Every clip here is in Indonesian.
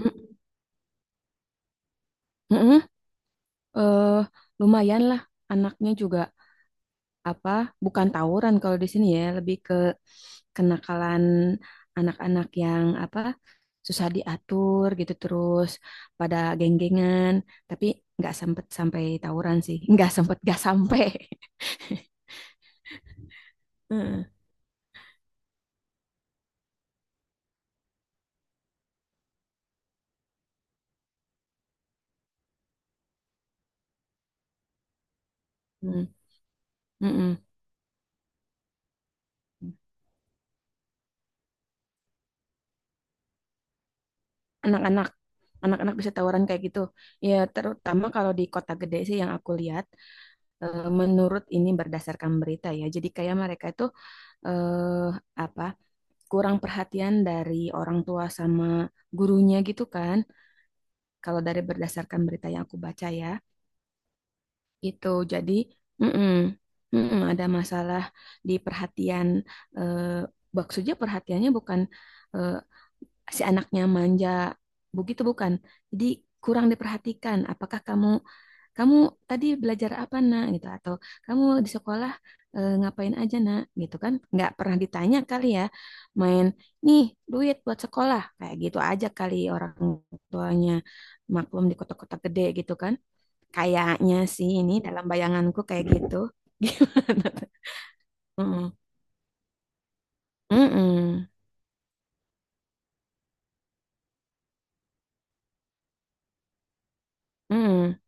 Mm, mm-mm. Eh, Lumayan lah, anaknya juga apa bukan tawuran kalau di sini ya lebih ke kenakalan anak-anak yang apa susah diatur gitu terus pada geng-gengan, tapi nggak sempet sampai tawuran sih. Nggak sempet, nggak sampai. Mm, mm, mm-mm. anak-anak anak-anak bisa tawuran kayak gitu ya terutama kalau di kota gede sih yang aku lihat. Menurut ini berdasarkan berita ya, jadi kayak mereka itu eh, apa kurang perhatian dari orang tua sama gurunya gitu kan. Kalau dari berdasarkan berita yang aku baca ya, itu jadi mm-mm, mm-mm, ada masalah di perhatian. eh, Maksudnya perhatiannya bukan eh, si anaknya manja begitu, bukan. Jadi kurang diperhatikan apakah kamu kamu tadi belajar apa nak gitu, atau kamu di sekolah ngapain aja nak gitu kan, nggak pernah ditanya kali ya, main nih duit buat sekolah kayak gitu aja kali orang tuanya, maklum di kota-kota gede gitu kan, kayaknya sih ini dalam bayanganku kayak gitu. Gimana tuh? Mm-mm. Mm-mm. Mm-mm.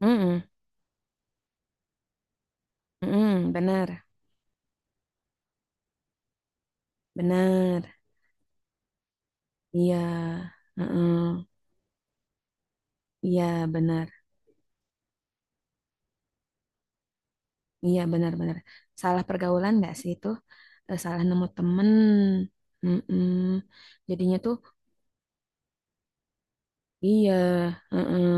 Mm-mm. Mm-mm. Benar benar, iya. Mm-mm. Iya, benar. Iya, benar-benar salah pergaulan nggak sih itu. Salah nemu temen. Mm-mm. Jadinya tuh iya, mm-mm.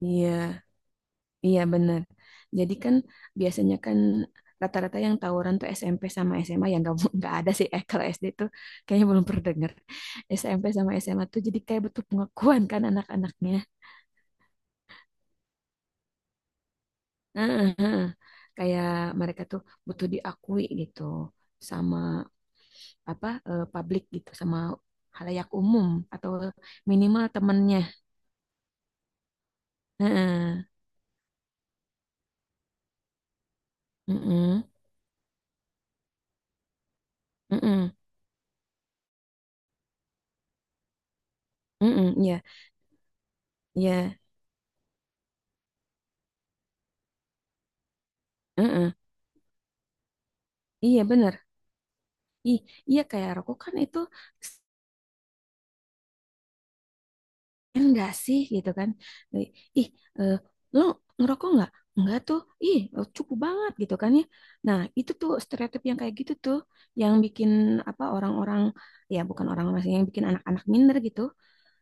Iya, iya, benar, jadi kan biasanya kan rata-rata yang tawuran tuh SMP sama SMA yang nggak, nggak ada sih, kalau SD tuh kayaknya belum pernah denger. SMP sama SMA tuh jadi kayak butuh pengakuan kan anak-anaknya. Heeh, heeh. Kayak mereka tuh butuh diakui gitu sama apa publik gitu, sama halayak umum, atau minimal temennya. Heeh. Heeh. Heeh. Heeh. Iya, iya. Heeh. Iya bener. Ih, iya kayak rokok kan itu enggak sih gitu kan. Eh, Ih, eh, lo ngerokok nggak? Enggak tuh. Ih, cukup banget gitu kan ya. Nah, itu tuh stereotip yang kayak gitu tuh yang bikin apa orang-orang, ya bukan orang-orang sih, yang bikin anak-anak minder gitu.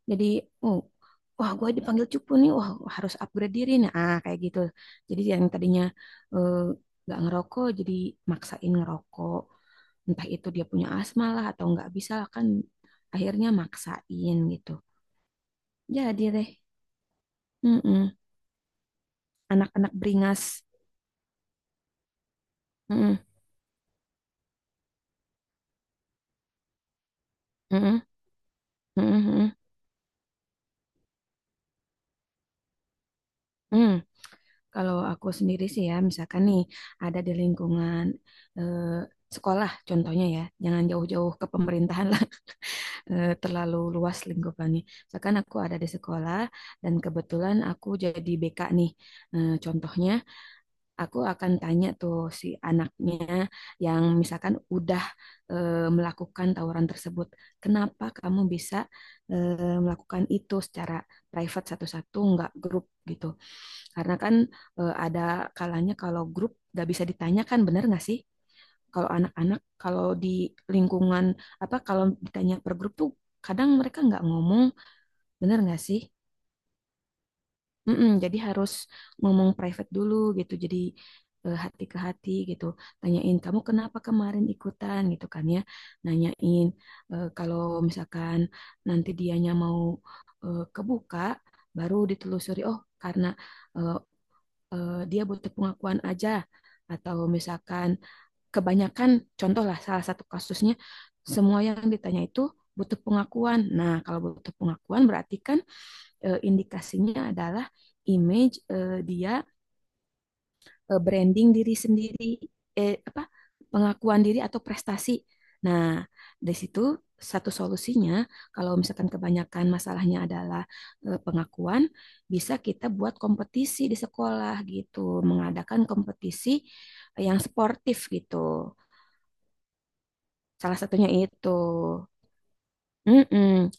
Jadi, oh, wah gue dipanggil cupu nih, wah harus upgrade diri nih. Ah, kayak gitu. Jadi yang tadinya eh, nggak ngerokok, jadi maksain ngerokok. Entah itu dia punya asma lah atau nggak bisa lah kan akhirnya maksain gitu. Jadi deh, mm-mm. Anak-anak beringas. Mm-mm. Mm-mm. Mm-mm. Mm-mm. Mm. Kalau aku sendiri sih ya, misalkan nih ada di lingkungan eh, sekolah contohnya ya, jangan jauh-jauh ke pemerintahan lah. Terlalu luas lingkupannya. Misalkan aku ada di sekolah dan kebetulan aku jadi BK nih. Contohnya, aku akan tanya tuh si anaknya yang misalkan udah melakukan tawuran tersebut, kenapa kamu bisa melakukan itu secara private satu-satu, nggak grup gitu. Karena kan ada kalanya kalau grup nggak bisa ditanyakan, bener nggak sih? Kalau anak-anak, kalau di lingkungan apa, kalau ditanya per grup tuh kadang mereka nggak ngomong, bener nggak sih? Mm-mm, jadi harus ngomong private dulu gitu. Jadi hati ke hati gitu. Tanyain kamu kenapa kemarin ikutan gitu kan ya. Nanyain kalau misalkan nanti dianya mau kebuka, baru ditelusuri. Oh, karena eh, dia butuh pengakuan aja, atau misalkan kebanyakan, contoh lah salah satu kasusnya semua yang ditanya itu butuh pengakuan. Nah, kalau butuh pengakuan berarti kan indikasinya adalah image, dia branding diri sendiri, apa, pengakuan diri atau prestasi. Nah, dari situ satu solusinya kalau misalkan kebanyakan masalahnya adalah pengakuan, bisa kita buat kompetisi di sekolah gitu, mengadakan kompetisi yang sportif gitu. Salah satunya itu. Mm-mm.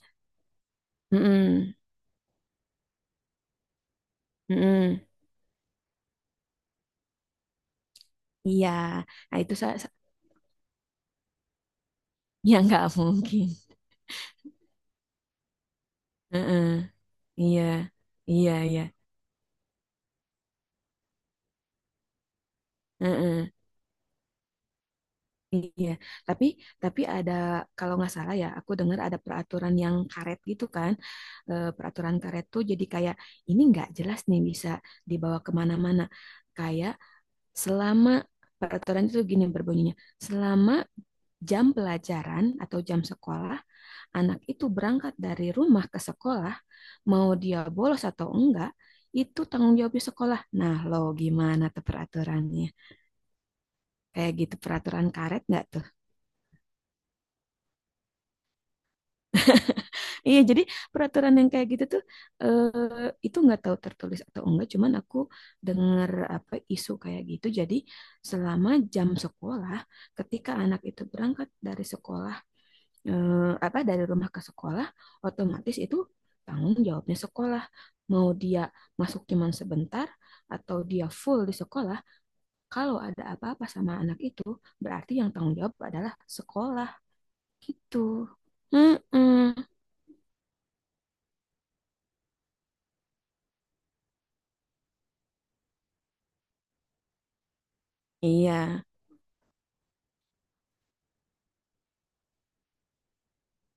Mm-mm. Mm-mm. Iya. Nah, itu saya ya nggak mungkin. Mm-mm. Iya. Iya, iya. Mm-mm. Iya. Tapi tapi ada, kalau nggak salah ya, aku dengar ada peraturan yang karet gitu kan. Peraturan karet tuh jadi kayak ini nggak jelas nih, bisa dibawa kemana-mana. Kayak selama peraturan itu gini berbunyinya, selama jam pelajaran atau jam sekolah anak itu berangkat dari rumah ke sekolah, mau dia bolos atau enggak, itu tanggung jawabnya sekolah. Nah, lo gimana tuh peraturannya? Kayak gitu peraturan karet nggak tuh? Iya, jadi peraturan yang kayak gitu tuh itu nggak tahu tertulis atau enggak, cuman aku dengar apa isu kayak gitu. Jadi selama jam sekolah, ketika anak itu berangkat dari sekolah eh, apa dari rumah ke sekolah, otomatis itu tanggung jawabnya sekolah, mau dia masuk cuman sebentar atau dia full di sekolah, kalau ada apa-apa sama anak itu berarti yang tanggung jawab adalah sekolah gitu. Mm-mm. Iya.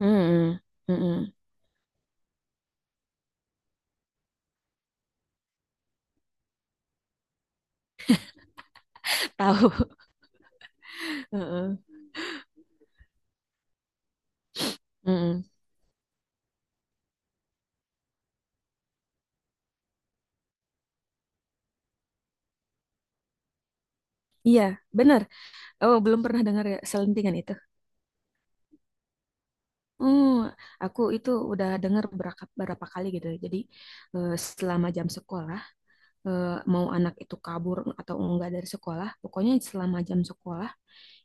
Mm-mm. Mm-mm. Tahu. Mm-mm. Mm-mm. Iya, benar. Oh, belum pernah dengar ya selentingan itu. Hmm, aku itu udah dengar berapa berapa kali gitu. Jadi eh, selama jam sekolah, eh, mau anak itu kabur atau enggak dari sekolah, pokoknya selama jam sekolah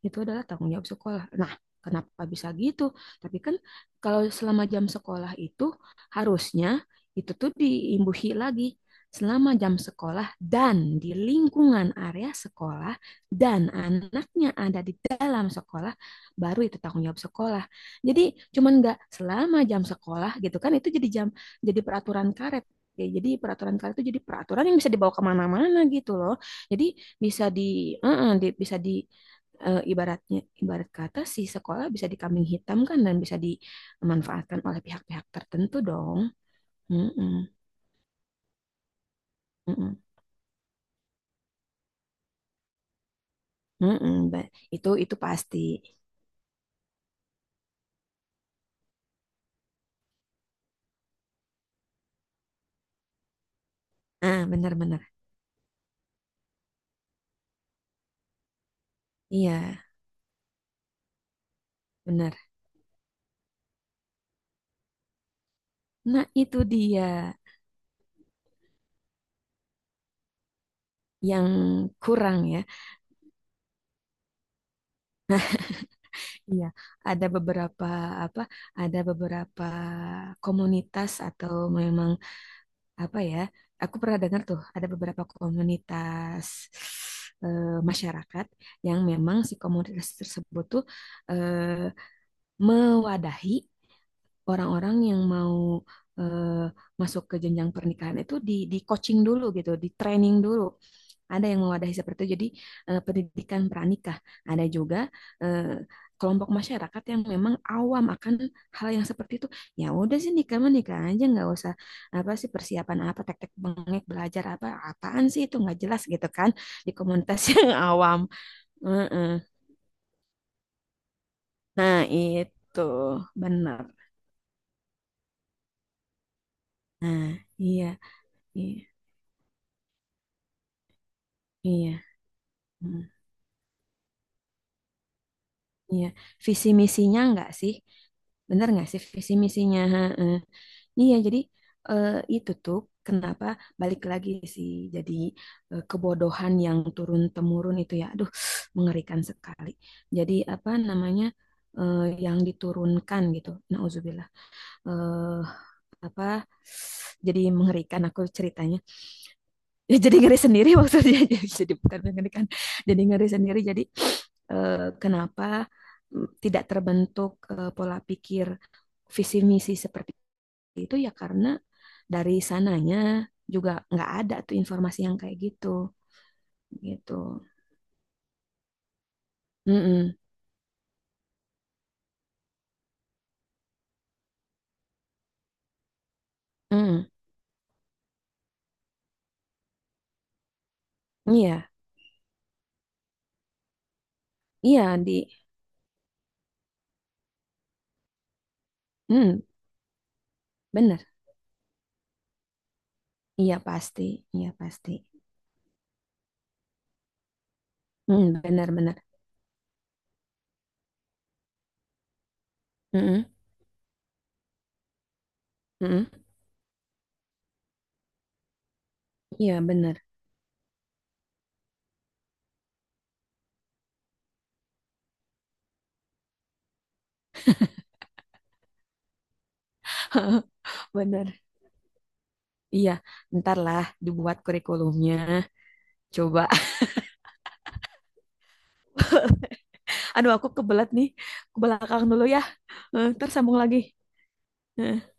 itu adalah tanggung jawab sekolah. Nah, kenapa bisa gitu? Tapi kan kalau selama jam sekolah itu harusnya itu tuh diimbuhi lagi, selama jam sekolah dan di lingkungan area sekolah dan anaknya ada di dalam sekolah, baru itu tanggung jawab sekolah. Jadi cuman nggak selama jam sekolah gitu kan, itu jadi jam, jadi peraturan karet, ya jadi peraturan karet itu jadi peraturan yang bisa dibawa kemana-mana gitu loh, jadi bisa di ibaratnya, ibarat kata si sekolah bisa dikambing hitam kan dan bisa dimanfaatkan oleh pihak-pihak tertentu dong. Mm-mm, mm-mm, mm-mm, itu pasti. Ah, benar-benar. Iya, benar. Nah, itu dia yang kurang ya. Iya, ada beberapa apa? Ada beberapa komunitas, atau memang apa ya? Aku pernah dengar tuh ada beberapa komunitas eh, masyarakat yang memang si komunitas tersebut tuh eh, mewadahi orang-orang yang mau eh, masuk ke jenjang pernikahan itu di coaching dulu gitu, di training dulu. Ada yang mewadahi seperti itu. Jadi pendidikan pranikah. Ada juga eh, kelompok masyarakat yang memang awam akan hal yang seperti itu. Ya udah sih, nikah mah nikah aja, nggak usah apa sih persiapan, apa tek-tek bengek belajar apa apaan sih itu nggak jelas gitu kan, di komunitas yang awam. Heeh. Nah itu benar. Nah iya, iya, iya. Mm. Iya, visi misinya enggak sih? Bener nggak sih visi misinya? Heeh. Iya, jadi eh, itu tuh kenapa balik lagi sih, jadi kebodohan yang turun temurun itu ya, aduh mengerikan sekali. Jadi apa namanya eh, yang diturunkan gitu, nauzubillah. Eh, Apa, jadi mengerikan aku ceritanya, ya jadi ngeri sendiri maksudnya. jadi, bukan mengerikan, jadi ngeri sendiri. Jadi kenapa tidak terbentuk pola pikir visi misi seperti itu, ya karena dari sananya juga nggak ada tuh informasi yang kayak gitu gitu. Mm-mm. Mm. Iya, iya, di. Mm, bener. Iya pasti. Iya pasti. Mm, bener bener. Mm-mm. Mm-mm. Iya bener bener, iya ntar lah dibuat kurikulumnya coba. Aduh, aku kebelat nih. Ke belakang dulu ya. Ntar sambung lagi. Eh.